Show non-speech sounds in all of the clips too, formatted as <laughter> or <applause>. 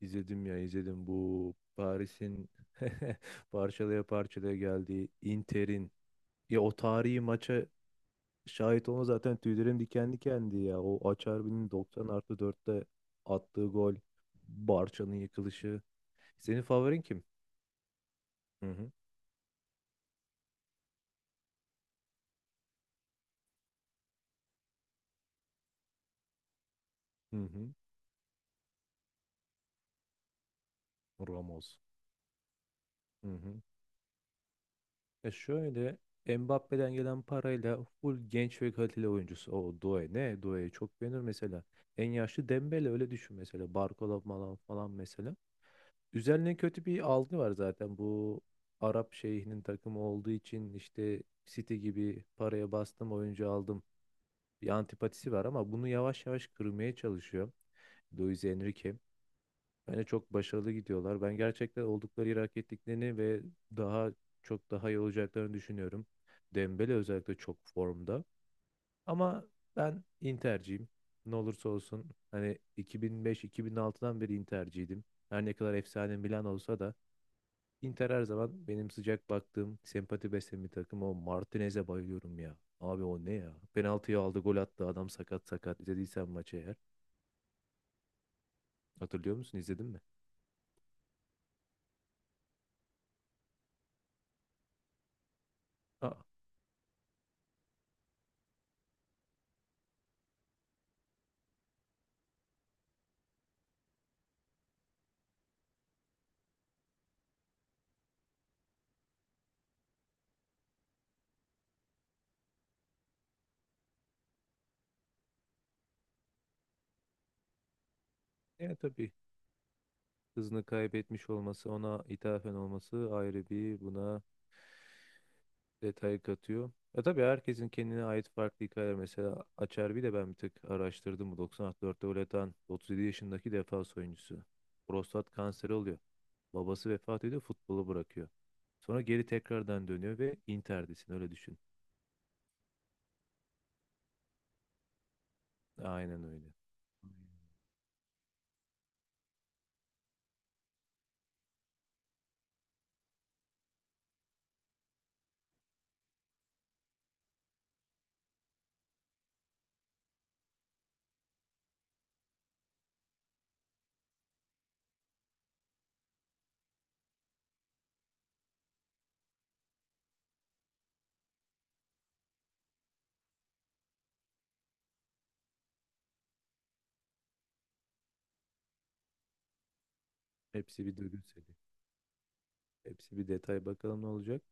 İzledim ya izledim, bu Paris'in <laughs> parçalaya parçalaya geldiği Inter'in, ya o tarihi maça şahit olma, zaten tüylerim diken dikendi ya. O Acerbi'nin 90+4'te attığı gol, Barça'nın yıkılışı. Senin favorin kim? Hı hı. Hı hı. Ramos. Hı hı. Şöyle, Mbappe'den gelen parayla full genç ve kaliteli oyuncusu. O Doué ne? Doué'yi çok beğenir mesela. En yaşlı Dembele, öyle düşün mesela. Barcola falan falan mesela. Üzerine kötü bir algı var zaten. Bu Arap şeyhinin takımı olduğu için işte City gibi paraya bastım oyuncu aldım. Bir antipatisi var ama bunu yavaş yavaş kırmaya çalışıyor Luis Enrique. Bence çok başarılı gidiyorlar. Ben gerçekten oldukları yeri hak ettiklerini ve daha çok daha iyi olacaklarını düşünüyorum. Dembele özellikle çok formda. Ama ben Inter'ciyim. Ne olursa olsun hani 2005-2006'dan beri Inter'ciydim. Her ne kadar efsane Milan olsa da Inter her zaman benim sıcak baktığım, sempati beslediğim bir takım. O Martinez'e bayılıyorum ya. Abi o ne ya? Penaltıyı aldı, gol attı. Adam sakat sakat. İzlediysen maçı eğer. Hatırlıyor musun? İzledin mi? Aa, yani tabii hızını kaybetmiş olması, ona ithafen olması ayrı bir buna detay katıyor. Ya tabii herkesin kendine ait farklı hikayeler. Mesela Acerbi de ben bir tık araştırdım. Bu 94'te gol atan 37 yaşındaki defans oyuncusu. Prostat kanseri oluyor. Babası vefat ediyor, futbolu bırakıyor. Sonra geri tekrardan dönüyor ve Inter'desin, öyle düşün. Aynen öyle. Hepsi bir dögül seri. Hepsi bir detay, bakalım ne olacak.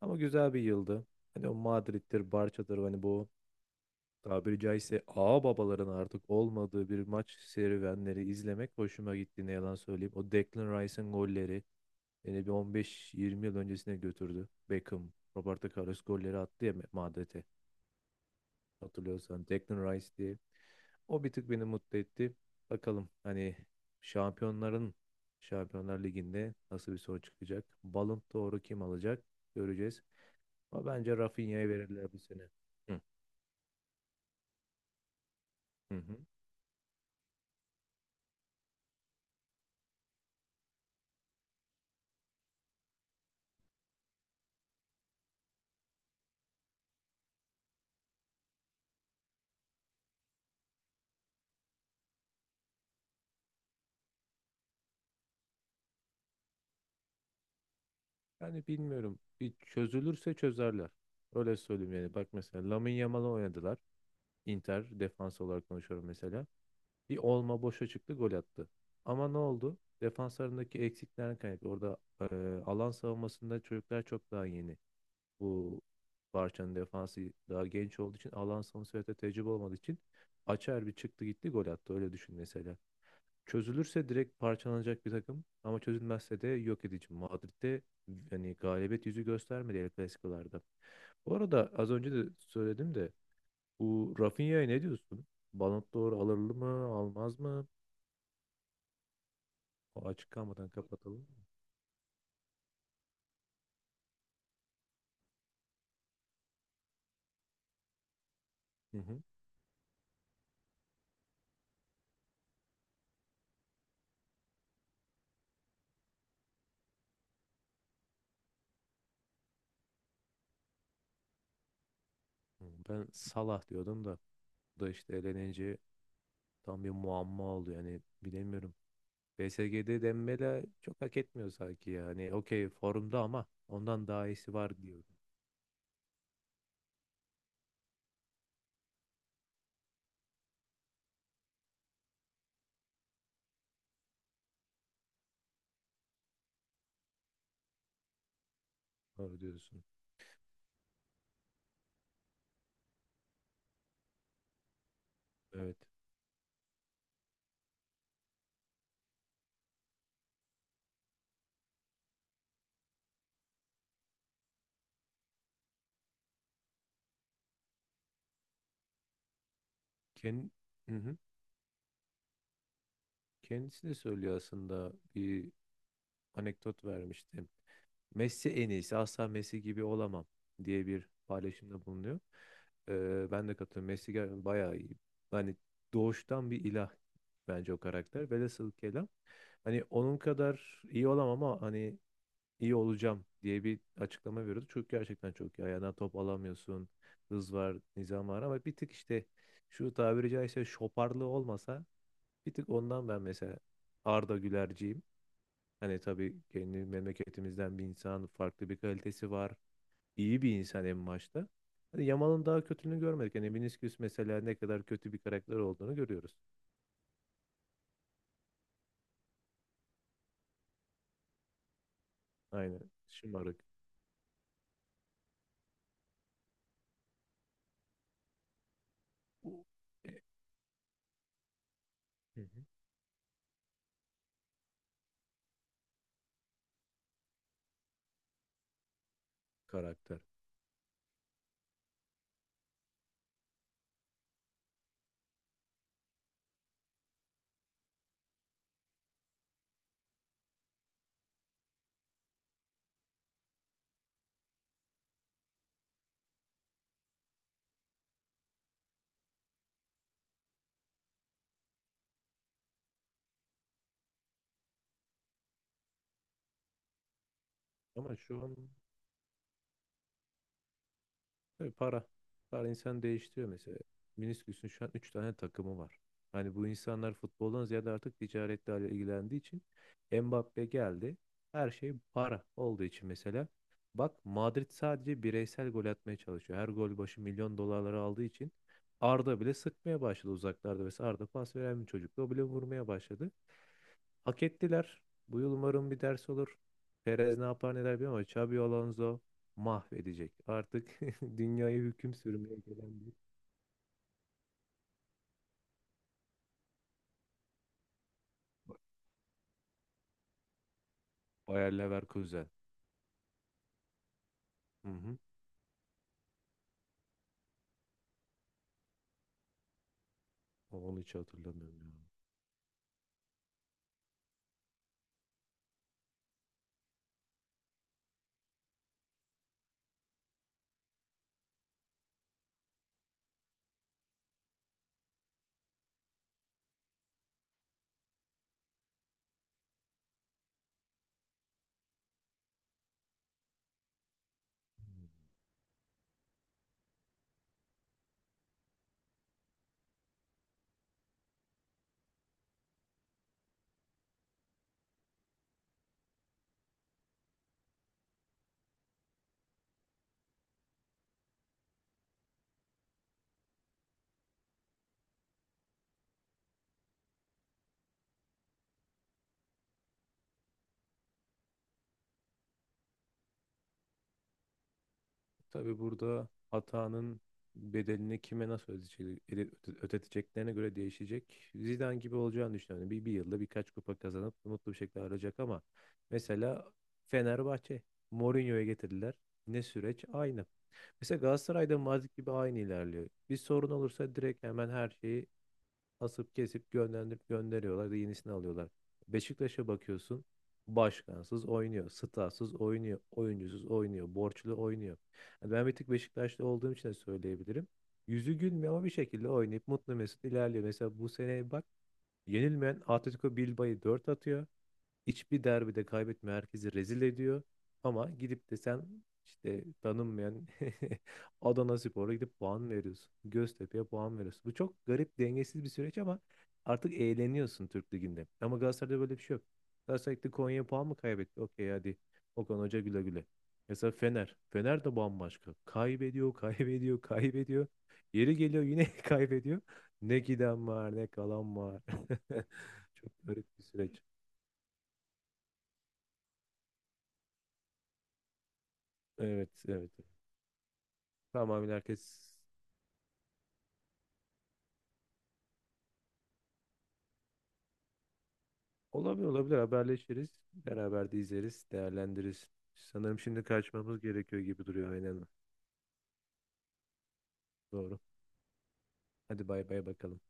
Ama güzel bir yıldı. Hani o Madrid'dir, Barça'dır, hani bu tabiri caizse ağa babaların artık olmadığı bir maç serüvenleri izlemek hoşuma gitti, ne yalan söyleyeyim. O Declan Rice'ın golleri beni bir 15-20 yıl öncesine götürdü. Beckham, Roberto Carlos golleri attı ya Madrid'e, hatırlıyorsan Declan Rice diye. O bir tık beni mutlu etti. Bakalım hani şampiyonların Şampiyonlar Ligi'nde nasıl bir sonuç çıkacak? Ballon d'Or'u kim alacak? Göreceğiz. Ama bence Rafinha'ya verirler bu sene. Hı hı. Hı. Yani bilmiyorum. Bir çözülürse çözerler. Öyle söyleyeyim yani. Bak, mesela Lamine Yamal'ı oynadılar. Inter defans olarak konuşuyorum mesela. Bir olma boşa çıktı, gol attı. Ama ne oldu? Defanslarındaki eksiklerden kaynaklı. Orada alan savunmasında çocuklar çok daha yeni. Bu Barça'nın defansı daha genç olduğu için, alan savunması ve de tecrübe olmadığı için Açer bir çıktı gitti gol attı. Öyle düşün mesela. Çözülürse direkt parçalanacak bir takım ama çözülmezse de yok edici. Madrid'de yani galibiyet yüzü göstermedi El Clasico'larda. Bu arada az önce de söyledim de bu Rafinha'ya ne diyorsun? Ballon d'Or alır mı, almaz mı? O açık kalmadan kapatalım mı? Hı hı. Hı, Ben Salah diyordum da bu da işte elenince tam bir muamma oldu yani bilemiyorum. PSG'de Dembele çok hak etmiyor sanki yani. Okey formda ama ondan daha iyisi var diyorum. Doğru diyorsun. Evet. Ken, Hı hı. Kendisi de söylüyor aslında, bir anekdot vermişti. Messi en iyisi, asla Messi gibi olamam diye bir paylaşımda bulunuyor. Ben de katılıyorum. Messi bayağı iyi. Hani doğuştan bir ilah bence o karakter. Velhasıl kelam. Hani onun kadar iyi olamam ama hani iyi olacağım diye bir açıklama veriyordu. Çünkü gerçekten çok iyi. Ayağına top alamıyorsun. Hız var, nizam var ama bir tık işte şu tabiri caizse şoparlığı olmasa. Bir tık ondan ben mesela Arda Gülerciyim. Hani tabii kendi memleketimizden bir insan, farklı bir kalitesi var. İyi bir insan en başta. Hani Yamal'ın daha kötülüğünü görmedik. Hani Vinicius mesela ne kadar kötü bir karakter olduğunu görüyoruz. Aynen. Şımarık. Bu- e, Hı hı. Karakter. Ama şu an Tabii para. Para insan değiştiriyor mesela. Minisküs'ün şu an 3 tane takımı var. Hani bu insanlar futboldan ziyade artık ticaretle ilgilendiği için Mbappe geldi. Her şey para olduğu için mesela. Bak Madrid sadece bireysel gol atmaya çalışıyor. Her gol başı milyon dolarları aldığı için Arda bile sıkmaya başladı uzaklarda. Mesela Arda pas veren bir çocuktu. O bile vurmaya başladı. Hak ettiler. Bu yıl umarım bir ders olur. Perez ne yapar neler bilmiyorum ama Xabi Alonso mahvedecek. Artık <laughs> dünyaya hüküm sürmeye gelen bir Bayer Leverkusen. Hı hı. Onu hiç hatırlamıyorum ya. Tabii burada hatanın bedelini kime nasıl ödeyecek, ödeteceklerine göre değişecek. Zidane gibi olacağını düşünüyorum. Bir yılda birkaç kupa kazanıp mutlu bir şekilde ayrılacak ama mesela Fenerbahçe Mourinho'ya getirdiler. Ne süreç? Aynı. Mesela Galatasaray'da Mazik gibi aynı ilerliyor. Bir sorun olursa direkt hemen her şeyi asıp kesip gönderip gönderiyorlar da yenisini alıyorlar. Beşiktaş'a bakıyorsun başkansız oynuyor, statsız oynuyor, oyuncusuz oynuyor, borçlu oynuyor. Yani ben bir tık Beşiktaşlı olduğum için de söyleyebilirim. Yüzü gülmüyor ama bir şekilde oynayıp mutlu mesut ilerliyor. Mesela bu seneye bak, yenilmeyen Atletico Bilbao'yu 4 atıyor. Hiçbir derbide kaybetmiyor. Herkesi rezil ediyor. Ama gidip de sen işte tanınmayan <laughs> Adanaspor'a gidip puan veriyorsun. Göztepe'ye puan veriyorsun. Bu çok garip, dengesiz bir süreç ama artık eğleniyorsun Türk Ligi'nde. Ama Galatasaray'da böyle bir şey yok. Galatasaray gitti Konya'ya puan mı kaybetti? Okey hadi. Okan Hoca güle güle. Mesela Fener. Fener de bambaşka. Kaybediyor, <laughs> kaybediyor, kaybediyor. Yeri geliyor yine <laughs> kaybediyor. Ne giden var, ne kalan var. <laughs> Çok garip bir süreç. Evet, evet. Tamamen herkes olabilir olabilir haberleşiriz. Beraber de izleriz, değerlendiririz. Sanırım şimdi kaçmamız gerekiyor gibi duruyor, aynen. Doğru. Hadi bay bay bakalım.